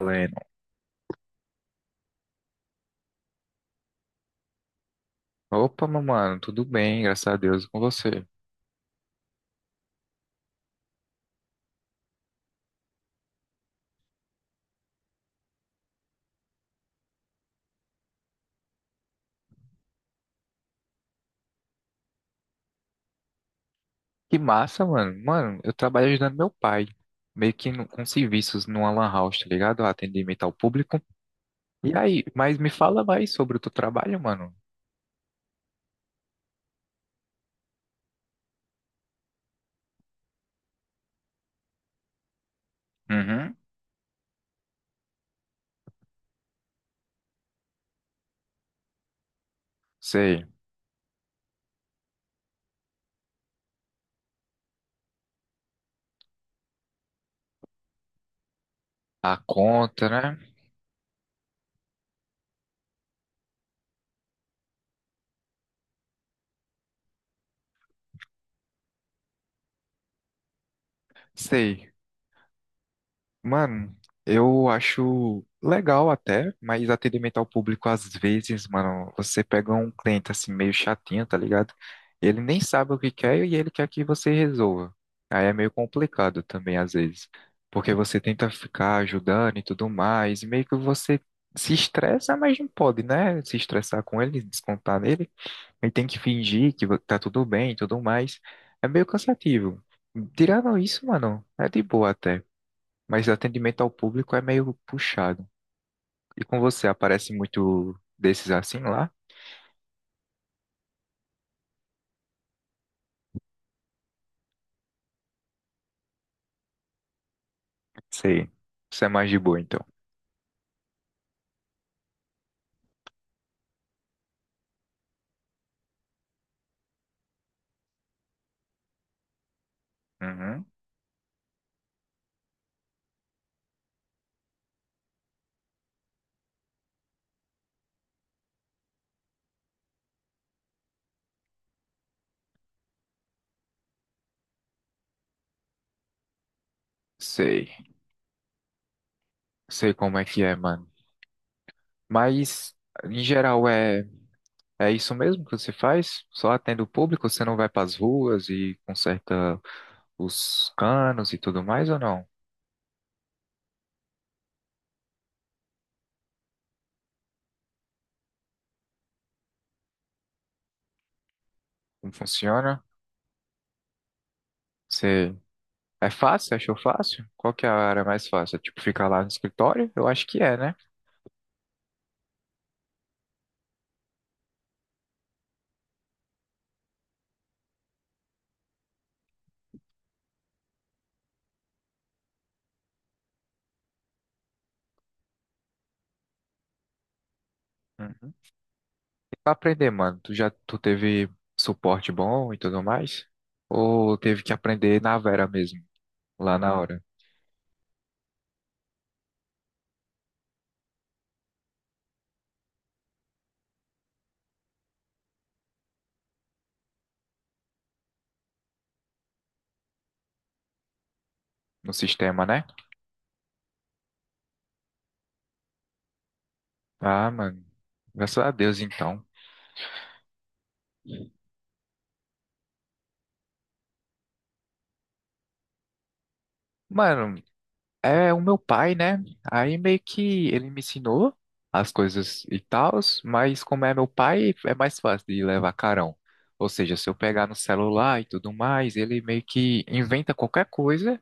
Lennon. Opa, meu mano, tudo bem, graças a Deus, e com você. Que massa, mano. Mano, eu trabalho ajudando meu pai, meio que com serviços numa lan house, tá ligado? Atendimento ao público. E aí, mas me fala mais sobre o teu trabalho, mano. Uhum, sei. A conta, né? Sei. Mano, eu acho legal até, mas atendimento ao público às vezes, mano, você pega um cliente assim meio chatinho, tá ligado? Ele nem sabe o que quer e ele quer que você resolva. Aí é meio complicado também às vezes, porque você tenta ficar ajudando e tudo mais, e meio que você se estressa, mas não pode, né? Se estressar com ele, descontar nele, e tem que fingir que tá tudo bem e tudo mais. É meio cansativo. Tirando isso, mano, é de boa até, mas o atendimento ao público é meio puxado. E com você, aparece muito desses assim lá? Sei. Você é mais de boa, então. Uhum. Sei. Sei como é que é, mano. Mas, em geral, é, é isso mesmo que você faz? Só atende o público? Você não vai pras ruas e conserta os canos e tudo mais, ou não? Como funciona? Você... É fácil? Achou fácil? Qual que é a área mais fácil? É, tipo, ficar lá no escritório? Eu acho que é, né? Hum. E pra aprender, mano, tu teve suporte bom e tudo mais? Ou teve que aprender na vera mesmo, lá na hora? No sistema, né? Ah, mano. Graças a Deus, então. Mano, é o meu pai, né? Aí meio que ele me ensinou as coisas e tals, mas como é meu pai, é mais fácil de levar carão. Ou seja, se eu pegar no celular e tudo mais, ele meio que inventa qualquer coisa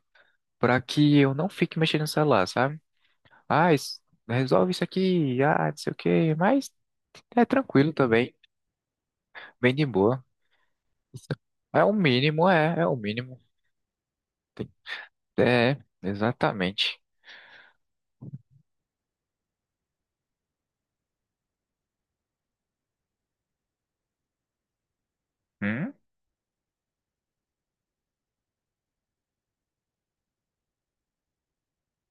para que eu não fique mexendo no celular, sabe? Ah, resolve isso aqui, ah, não sei o quê, mas é tranquilo também, bem de boa. É o mínimo, é, é o mínimo. É, exatamente. Hum?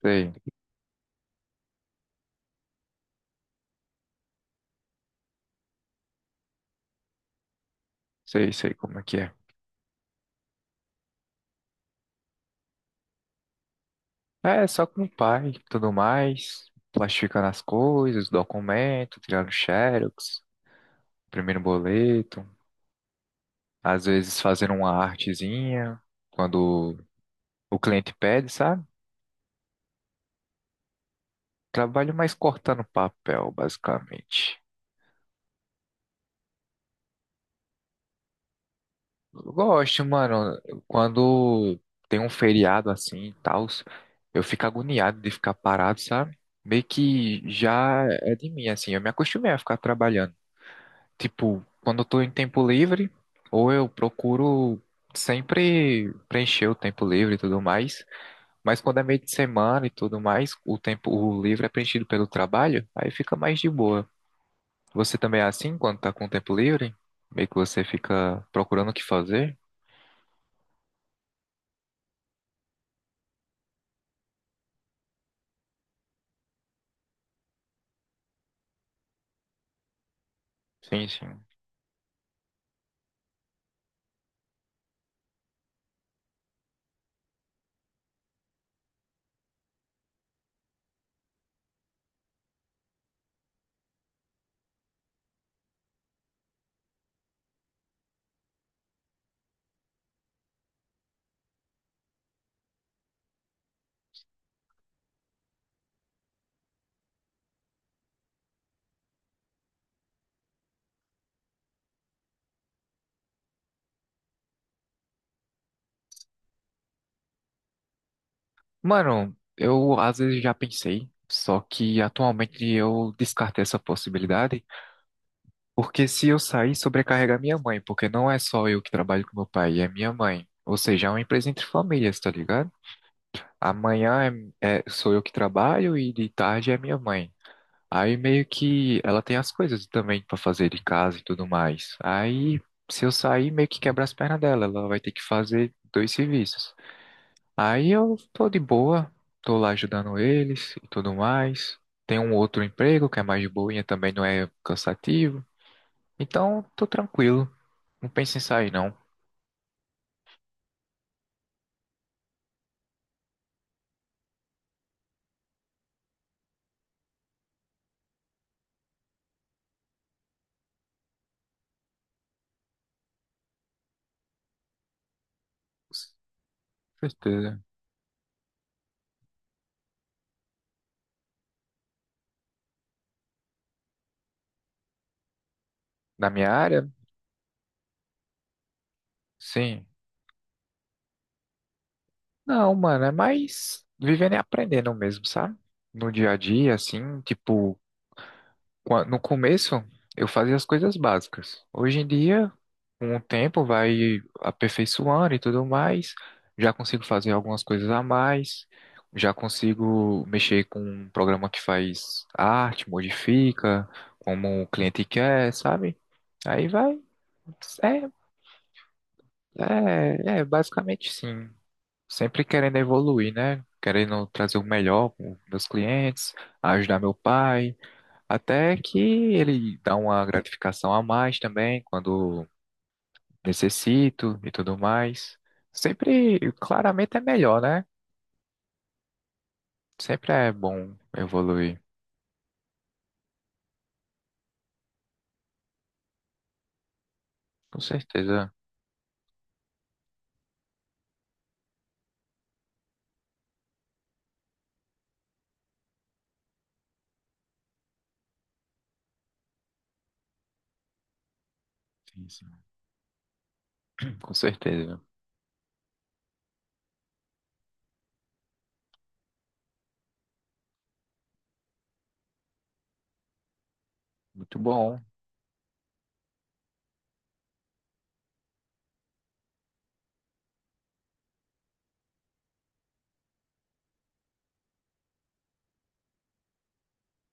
Sei, sei, sei, como é que é. É, só com o pai, e tudo mais, plastificando as coisas, documento, tirando xerox, primeiro boleto, às vezes fazendo uma artezinha, quando o cliente pede, sabe? Trabalho mais cortando papel, basicamente. Eu gosto, mano, quando tem um feriado assim e tal, eu fico agoniado de ficar parado, sabe? Meio que já é de mim, assim, eu me acostumei a ficar trabalhando. Tipo, quando eu tô em tempo livre, ou eu procuro sempre preencher o tempo livre e tudo mais. Mas quando é meio de semana e tudo mais, o livre é preenchido pelo trabalho, aí fica mais de boa. Você também é assim quando tá com o tempo livre? Meio que você fica procurando o que fazer? Sim, sim. Mano, eu às vezes já pensei, só que atualmente eu descartei essa possibilidade, porque se eu sair, sobrecarrega minha mãe, porque não é só eu que trabalho com meu pai, é minha mãe. Ou seja, é uma empresa entre famílias, tá ligado? Amanhã sou eu que trabalho e de tarde é minha mãe. Aí meio que ela tem as coisas também pra fazer de casa e tudo mais. Aí se eu sair, meio que quebra as pernas dela, ela vai ter que fazer dois serviços. Aí eu tô de boa, tô lá ajudando eles e tudo mais. Tem um outro emprego que é mais de boinha, também não é cansativo. Então, tô tranquilo. Não penso em sair, não. Com certeza. Da minha área? Sim. Não, mano, é mais vivendo e aprendendo mesmo, sabe? No dia a dia, assim, tipo, no começo eu fazia as coisas básicas. Hoje em dia, com o tempo, vai aperfeiçoando e tudo mais. Já consigo fazer algumas coisas a mais. Já consigo mexer com um programa que faz arte, modifica, como o cliente quer, sabe? Aí vai. É, é, basicamente sim. Sempre querendo evoluir, né? Querendo trazer o melhor para meus clientes, ajudar meu pai, até que ele dá uma gratificação a mais também quando necessito e tudo mais. Sempre, claramente é melhor, né? Sempre é bom evoluir. Com certeza. Sim, sim. Com certeza. Muito bom.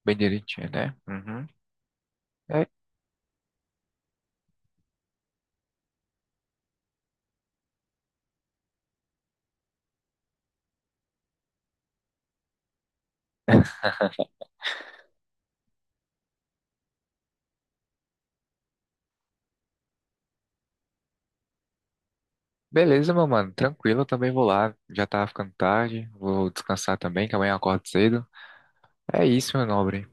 Bem direitinho, né? Uhum. Beleza, meu mano, tranquilo, eu também vou lá. Já tá ficando tarde, vou descansar também, que amanhã eu acordo cedo. É isso, meu nobre.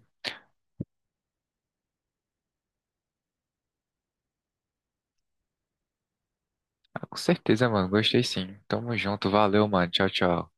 Ah, com certeza, mano, gostei sim. Tamo junto, valeu, mano. Tchau, tchau.